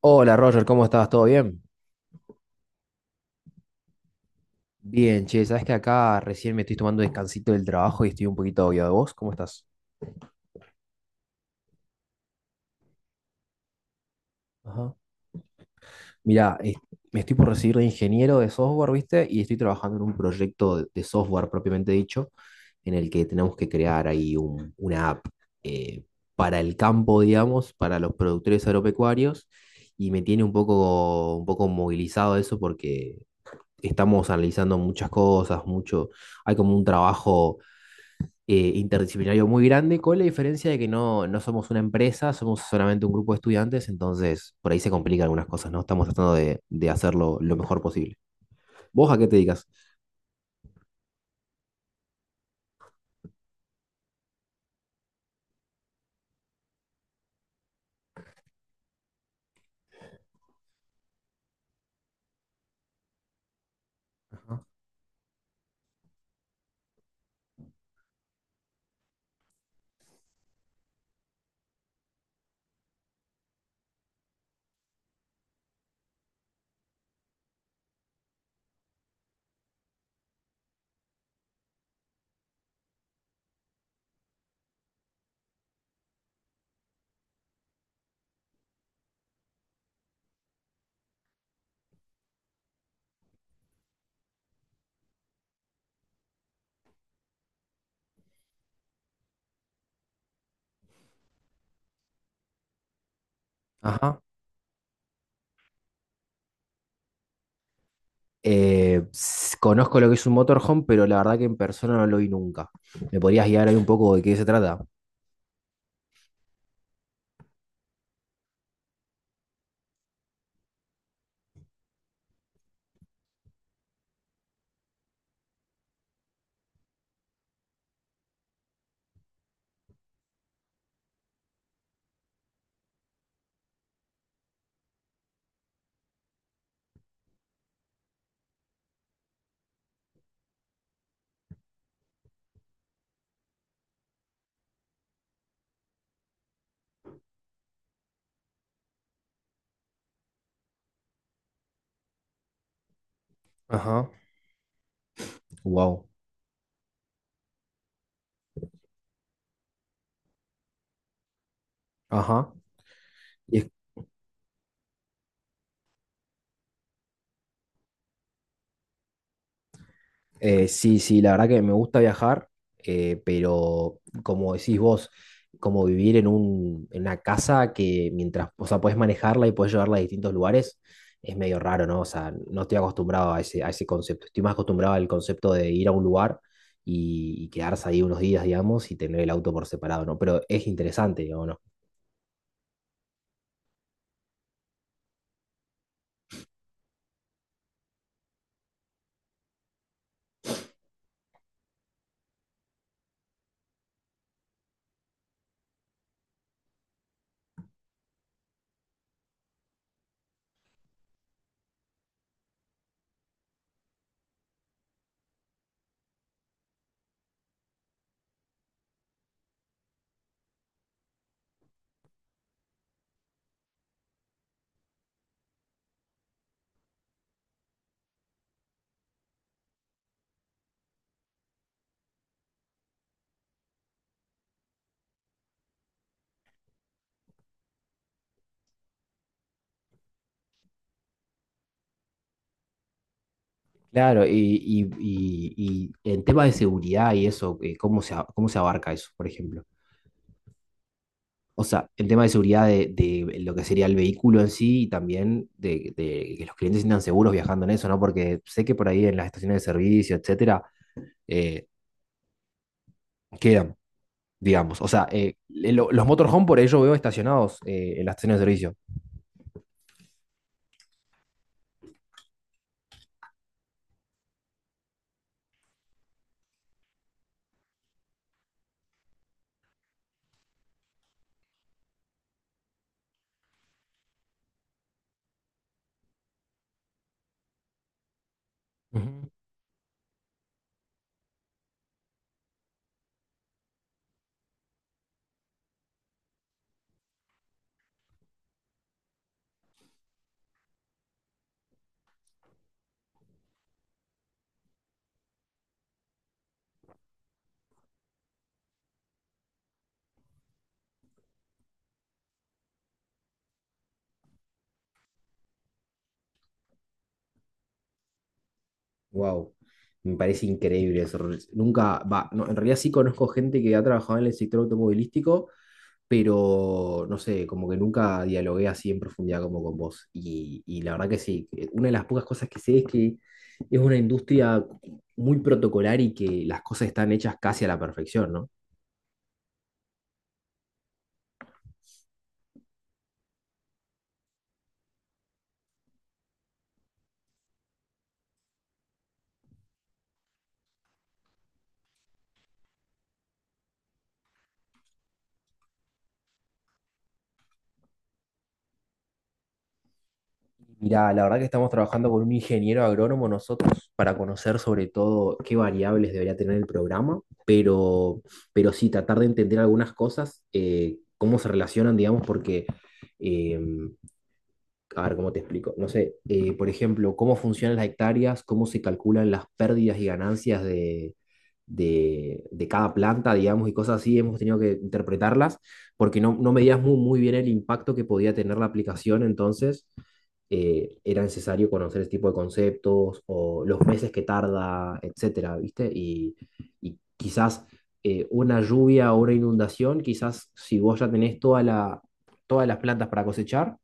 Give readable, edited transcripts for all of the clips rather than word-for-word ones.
Hola Roger, ¿cómo estás? ¿Todo bien? Bien, che, sabes que acá recién me estoy tomando descansito del trabajo y estoy un poquito obvio de vos. ¿Cómo estás? Ajá. Mirá, me estoy por recibir de ingeniero de software, ¿viste? Y estoy trabajando en un proyecto de software propiamente dicho, en el que tenemos que crear ahí una app eh, para el campo, digamos, para los productores agropecuarios. Y me tiene un poco movilizado eso porque estamos analizando muchas cosas, mucho, hay como un trabajo interdisciplinario muy grande, con la diferencia de que no somos una empresa, somos solamente un grupo de estudiantes, entonces por ahí se complican algunas cosas, ¿no? Estamos tratando de hacerlo lo mejor posible. ¿Vos a qué te dedicas? Ajá. Conozco lo que es un motorhome, pero la verdad que en persona no lo vi nunca. ¿Me podrías guiar ahí un poco de qué se trata? Ajá. Wow. Ajá. Sí, sí, la verdad que me gusta viajar, pero como decís vos, como vivir en en una casa que mientras, o sea, podés manejarla y podés llevarla a distintos lugares, es medio raro, ¿no? O sea, no estoy acostumbrado a a ese concepto. Estoy más acostumbrado al concepto de ir a un lugar y quedarse ahí unos días, digamos, y tener el auto por separado, ¿no? Pero es interesante, digamos, ¿no? Claro, y en temas de seguridad y eso, ¿cómo se, cómo se abarca eso, por ejemplo? O sea, el tema de seguridad de lo que sería el vehículo en sí y también de que los clientes se sientan seguros viajando en eso, ¿no? Porque sé que por ahí en las estaciones de servicio, etcétera, eh, quedan, digamos. O sea, los motorhome por ello veo estacionados en las estaciones de servicio. Ujú. Wow, me parece increíble eso. Nunca, va, no, en realidad sí conozco gente que ha trabajado en el sector automovilístico pero no sé, como que nunca dialogué así en profundidad como con vos. Y la verdad que sí, que una de las pocas cosas que sé es que es una industria muy protocolar y que las cosas están hechas casi a la perfección, ¿no? Mira, la verdad que estamos trabajando con un ingeniero agrónomo nosotros para conocer sobre todo qué variables debería tener el programa, pero sí tratar de entender algunas cosas, cómo se relacionan, digamos, porque em, a ver, ¿cómo te explico? No sé, por ejemplo, cómo funcionan las hectáreas, cómo se calculan las pérdidas y ganancias de cada planta, digamos, y cosas así, hemos tenido que interpretarlas, porque no, no medías muy, muy bien el impacto que podía tener la aplicación, entonces era necesario conocer ese tipo de conceptos o los meses que tarda, etcétera, ¿viste? Y quizás una lluvia o una inundación, quizás si vos ya tenés toda todas las plantas para cosechar,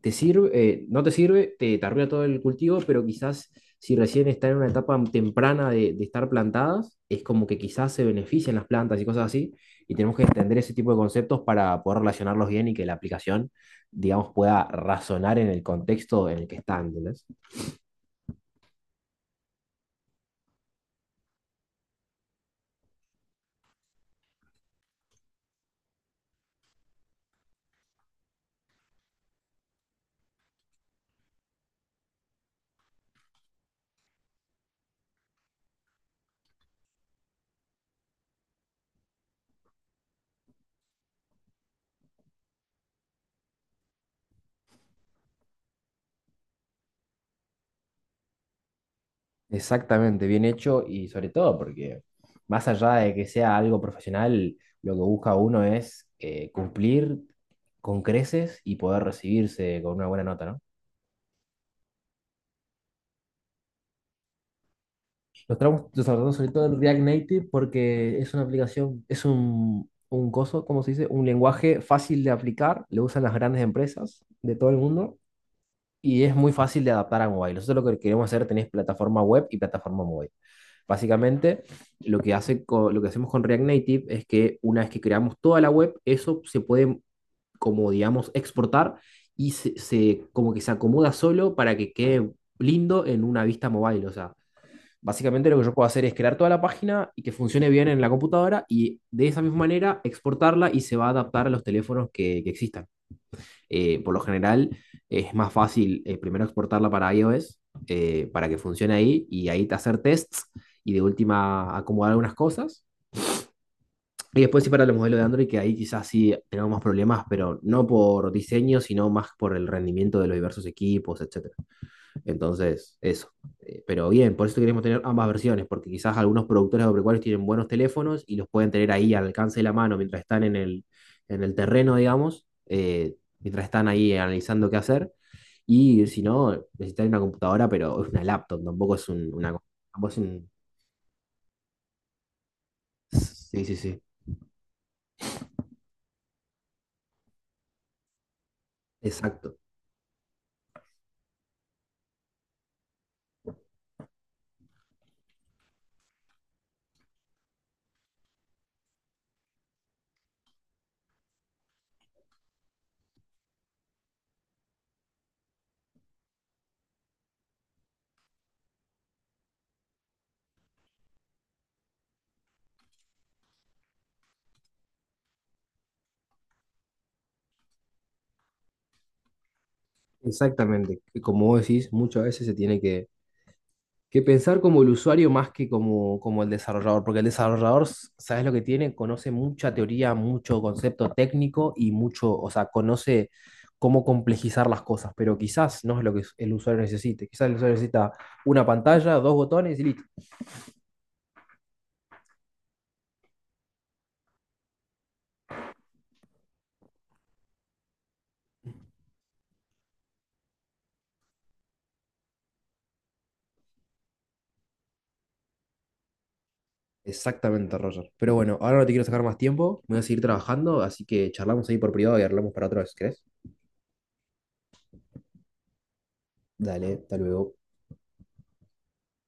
te sirve, no te sirve, te arruina todo el cultivo, pero quizás si recién está en una etapa temprana de estar plantadas, es como que quizás se benefician las plantas y cosas así, y tenemos que entender ese tipo de conceptos para poder relacionarlos bien y que la aplicación, digamos, pueda razonar en el contexto en el que están. ¿Entendés? Exactamente, bien hecho y sobre todo porque más allá de que sea algo profesional, lo que busca uno es cumplir con creces y poder recibirse con una buena nota, ¿no? Lo estamos lo sobre todo en React Native porque es una aplicación, es un coso, ¿cómo se dice? Un lenguaje fácil de aplicar, lo usan las grandes empresas de todo el mundo y es muy fácil de adaptar a mobile. Nosotros lo que queremos hacer tenéis plataforma web y plataforma mobile. Básicamente, lo que lo que hacemos con React Native es que una vez que creamos toda la web, eso se puede, como digamos, exportar y como que se acomoda solo para que quede lindo en una vista mobile. O sea, básicamente lo que yo puedo hacer es crear toda la página y que funcione bien en la computadora y de esa misma manera exportarla y se va a adaptar a los teléfonos que existan. Por lo general es más fácil primero exportarla para iOS para que funcione ahí y ahí te hacer tests y de última acomodar algunas cosas. Y después sí para el modelo de Android, que ahí quizás sí tenemos más problemas, pero no por diseño, sino más por el rendimiento de los diversos equipos, etc. Entonces, eso. Pero bien, por eso queremos tener ambas versiones, porque quizás algunos productores agropecuarios tienen buenos teléfonos y los pueden tener ahí al alcance de la mano mientras están en el terreno, digamos, mientras están ahí analizando qué hacer. Y si no, necesitan una computadora, pero es una laptop, tampoco es un- una... Tampoco es un- Sí, sí, sí. Exacto. Exactamente. Como vos decís, muchas veces se tiene que pensar como el usuario más que como, como el desarrollador, porque el desarrollador, s- ¿sabes lo que tiene? Conoce mucha teoría, mucho concepto técnico y mucho, o sea, conoce cómo complejizar las cosas, pero quizás no es lo que el usuario necesite. Quizás el usuario necesita una pantalla, dos botones y listo. Exactamente, Roger. Pero bueno, ahora no te quiero sacar más tiempo, me voy a seguir trabajando, así que charlamos ahí por privado y hablamos para otra vez, ¿crees? Dale, hasta luego.